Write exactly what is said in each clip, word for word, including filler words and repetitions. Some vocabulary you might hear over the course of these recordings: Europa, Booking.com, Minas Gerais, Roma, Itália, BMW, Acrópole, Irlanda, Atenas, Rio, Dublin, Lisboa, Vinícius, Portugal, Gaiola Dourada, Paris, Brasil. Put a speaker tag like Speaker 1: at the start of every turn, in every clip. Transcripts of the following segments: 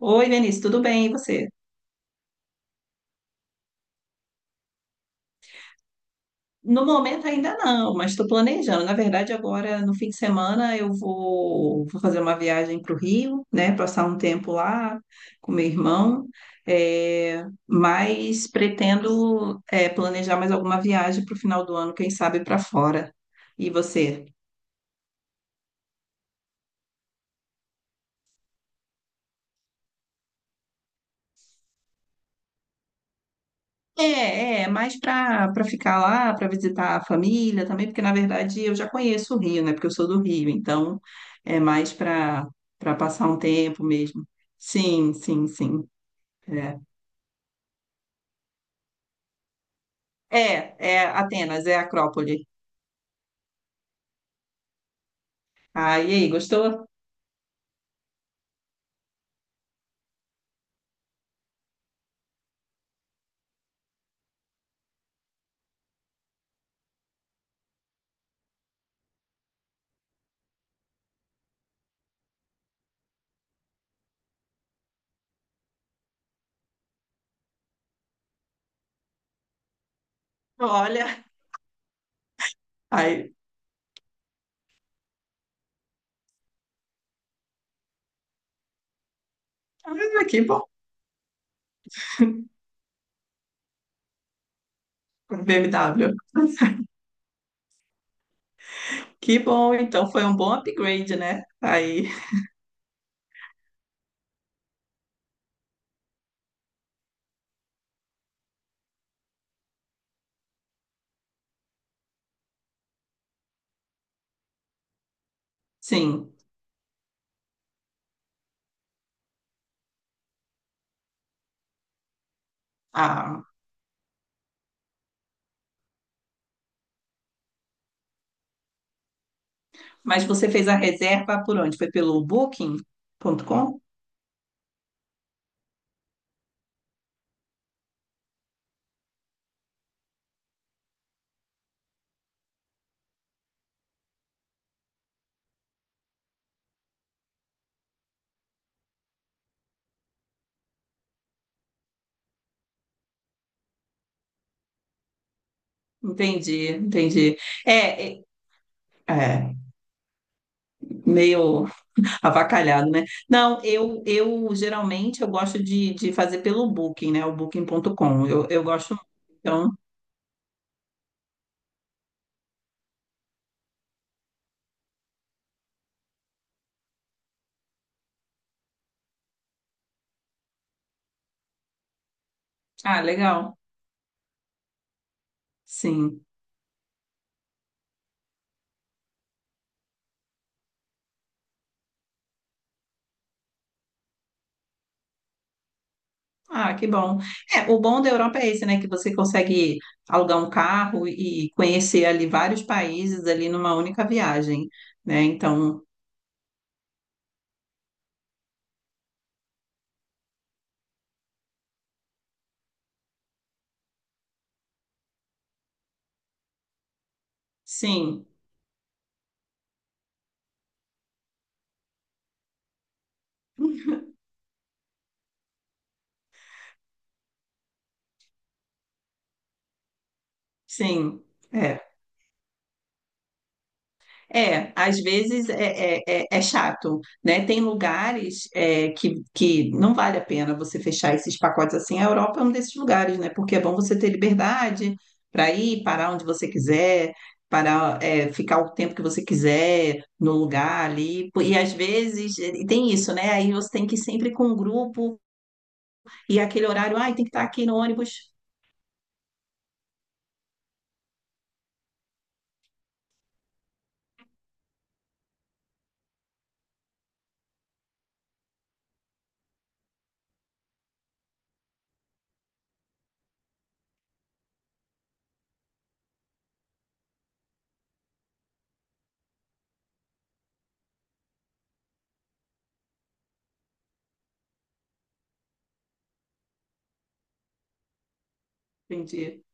Speaker 1: Oi, Vinícius, tudo bem? E você? No momento ainda não, mas estou planejando. Na verdade, agora no fim de semana eu vou, vou fazer uma viagem para o Rio, né? Passar um tempo lá com meu irmão, é, mas pretendo é, planejar mais alguma viagem para o final do ano, quem sabe para fora. E você? É, é, mais para para ficar lá, para visitar a família também, porque na verdade eu já conheço o Rio, né? Porque eu sou do Rio, então é mais para para passar um tempo mesmo. Sim, sim, sim. É, é, é Atenas, é Acrópole. Ah, e aí, gostou? Olha, aí, ah, que bom, B M W. Que bom, então foi um bom upgrade, né? Aí, sim. Ah, mas você fez a reserva por onde? Foi pelo booking ponto com? Entendi, entendi. É, é, é, meio avacalhado, né? Não, eu, eu geralmente eu gosto de, de fazer pelo Booking, né? O booking ponto com. Eu, eu gosto muito. Então, ah, legal. Sim. Ah, que bom. É, o bom da Europa é esse, né? Que você consegue alugar um carro e conhecer ali vários países ali numa única viagem, né? Então, sim, sim. É. É, às vezes é, é, é- é chato, né? Tem lugares é, que, que não vale a pena você fechar esses pacotes assim. A Europa é um desses lugares, né? Porque é bom você ter liberdade para ir, parar onde você quiser, parar, é, ficar o tempo que você quiser no lugar ali. E às vezes e tem isso, né? Aí você tem que ir sempre com um grupo e aquele horário, ai, tem que estar aqui no ônibus. Entendi.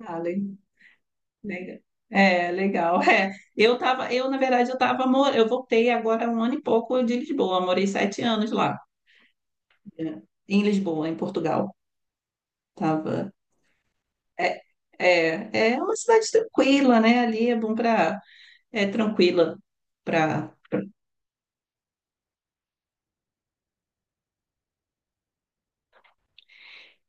Speaker 1: Ah, legal. É, legal. É. Eu tava, eu, na verdade, eu tava, mor- eu voltei agora há um ano e pouco de Lisboa, morei sete anos lá, né, em Lisboa, em Portugal. Tava. É, é, é uma cidade tranquila, né? Ali é bom para, é tranquila para.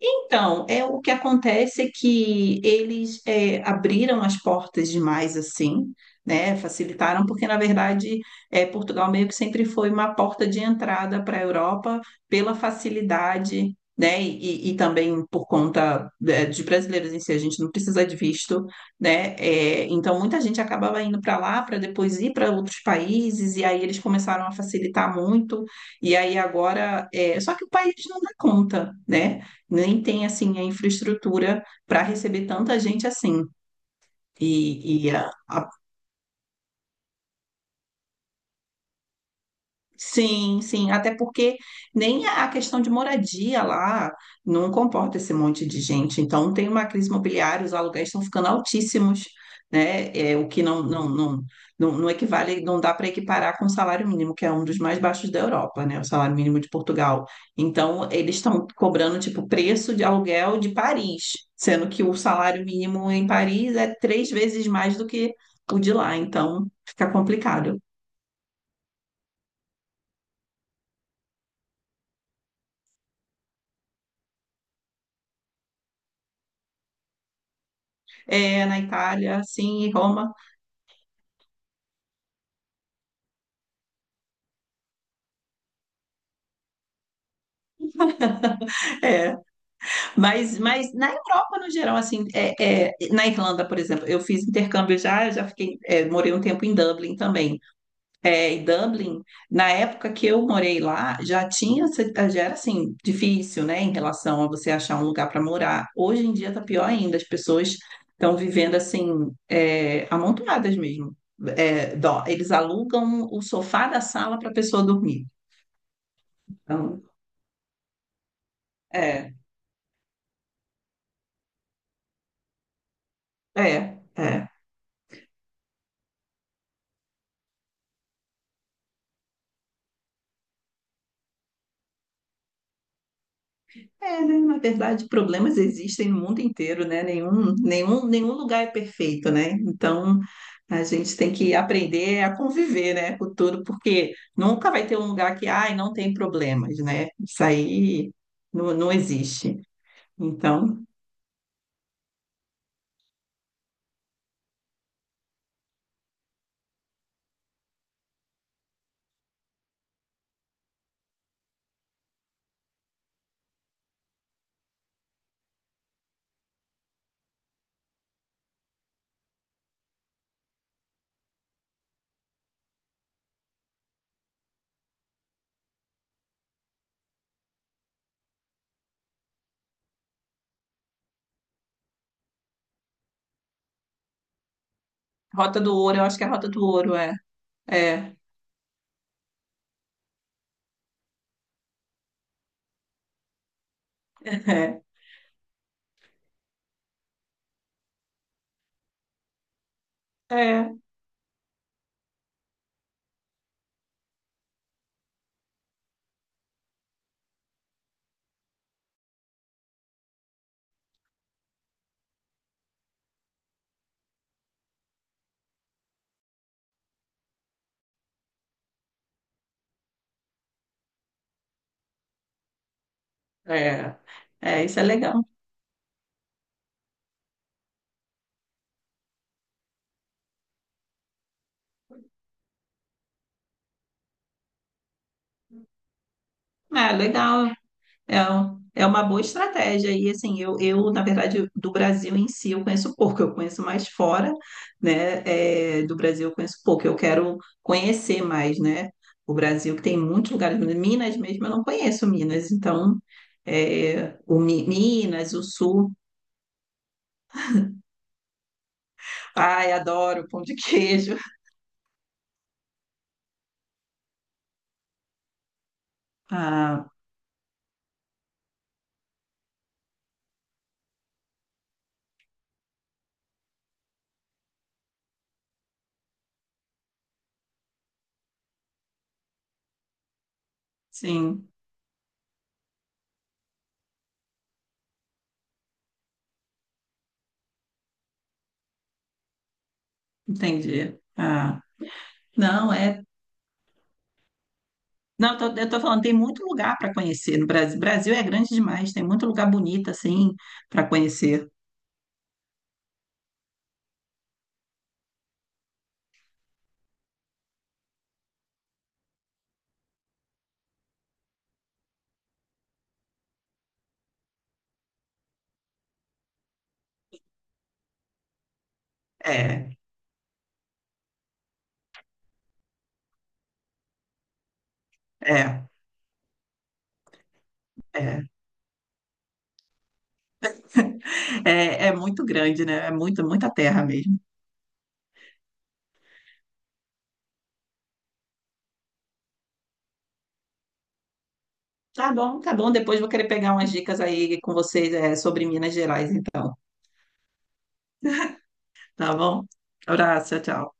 Speaker 1: Então, é o que acontece é que eles é, abriram as portas demais assim, né? Facilitaram, porque na verdade é, Portugal meio que sempre foi uma porta de entrada para a Europa pela facilidade, né? E, e também por conta é, de brasileiros em si, a gente não precisa de visto, né? É, então muita gente acabava indo para lá para depois ir para outros países e aí eles começaram a facilitar muito e aí agora, é, só que o país não dá conta, né? Nem tem assim a infraestrutura para receber tanta gente assim. E, e a, a sim, sim, até porque nem a questão de moradia lá não comporta esse monte de gente. Então tem uma crise imobiliária, os aluguéis estão ficando altíssimos, né? É, o que não, não, não, não, não equivale, não dá para equiparar com o salário mínimo, que é um dos mais baixos da Europa, né? O salário mínimo de Portugal. Então eles estão cobrando tipo preço de aluguel de Paris, sendo que o salário mínimo em Paris é três vezes mais do que o de lá. Então fica complicado. É, na Itália, sim, em Roma, é. Mas, mas na Europa, no geral, assim, é, é, na Irlanda, por exemplo, eu fiz intercâmbio já, eu já fiquei, é, morei um tempo em Dublin também. É, e Dublin, na época que eu morei lá, já tinha, já era, assim, difícil, né, em relação a você achar um lugar para morar. Hoje em dia tá pior ainda, as pessoas estão vivendo, assim, é, amontoadas mesmo. É, dó- eles alugam o sofá da sala para a pessoa dormir. Então, é, é. É. É, né? Na verdade, problemas existem no mundo inteiro, né? Nenhum, nenhum, nenhum lugar é perfeito, né? Então, a gente tem que aprender a conviver, né, com tudo, porque nunca vai ter um lugar que, ai, não tem problemas, né? Isso aí não, não existe. Então, Rota do Ouro, eu acho que é a Rota do Ouro, é. É, é, é, é. É, isso é legal. É, legal. É, um- é uma boa estratégia. E assim, eu, eu, na verdade, do Brasil em si eu conheço pouco, eu conheço mais fora, né? É, do Brasil eu conheço pouco, eu quero conhecer mais, né? O Brasil que tem muitos lugares, Minas mesmo, eu não conheço Minas, então é, o Mi- Minas, o Sul. Ai, adoro pão de queijo. Ah, sim, entendi. Ah, não, é não, eu tô, eu tô falando, tem muito lugar para conhecer no Brasil. Brasil é grande demais, tem muito lugar bonito assim para conhecer. É, é, é. É, é muito grande, né? É muito, muita terra mesmo. Tá bom, tá bom. Depois vou querer pegar umas dicas aí com vocês, é, sobre Minas Gerais, então. Tá bom? Abraço, tchau, tchau.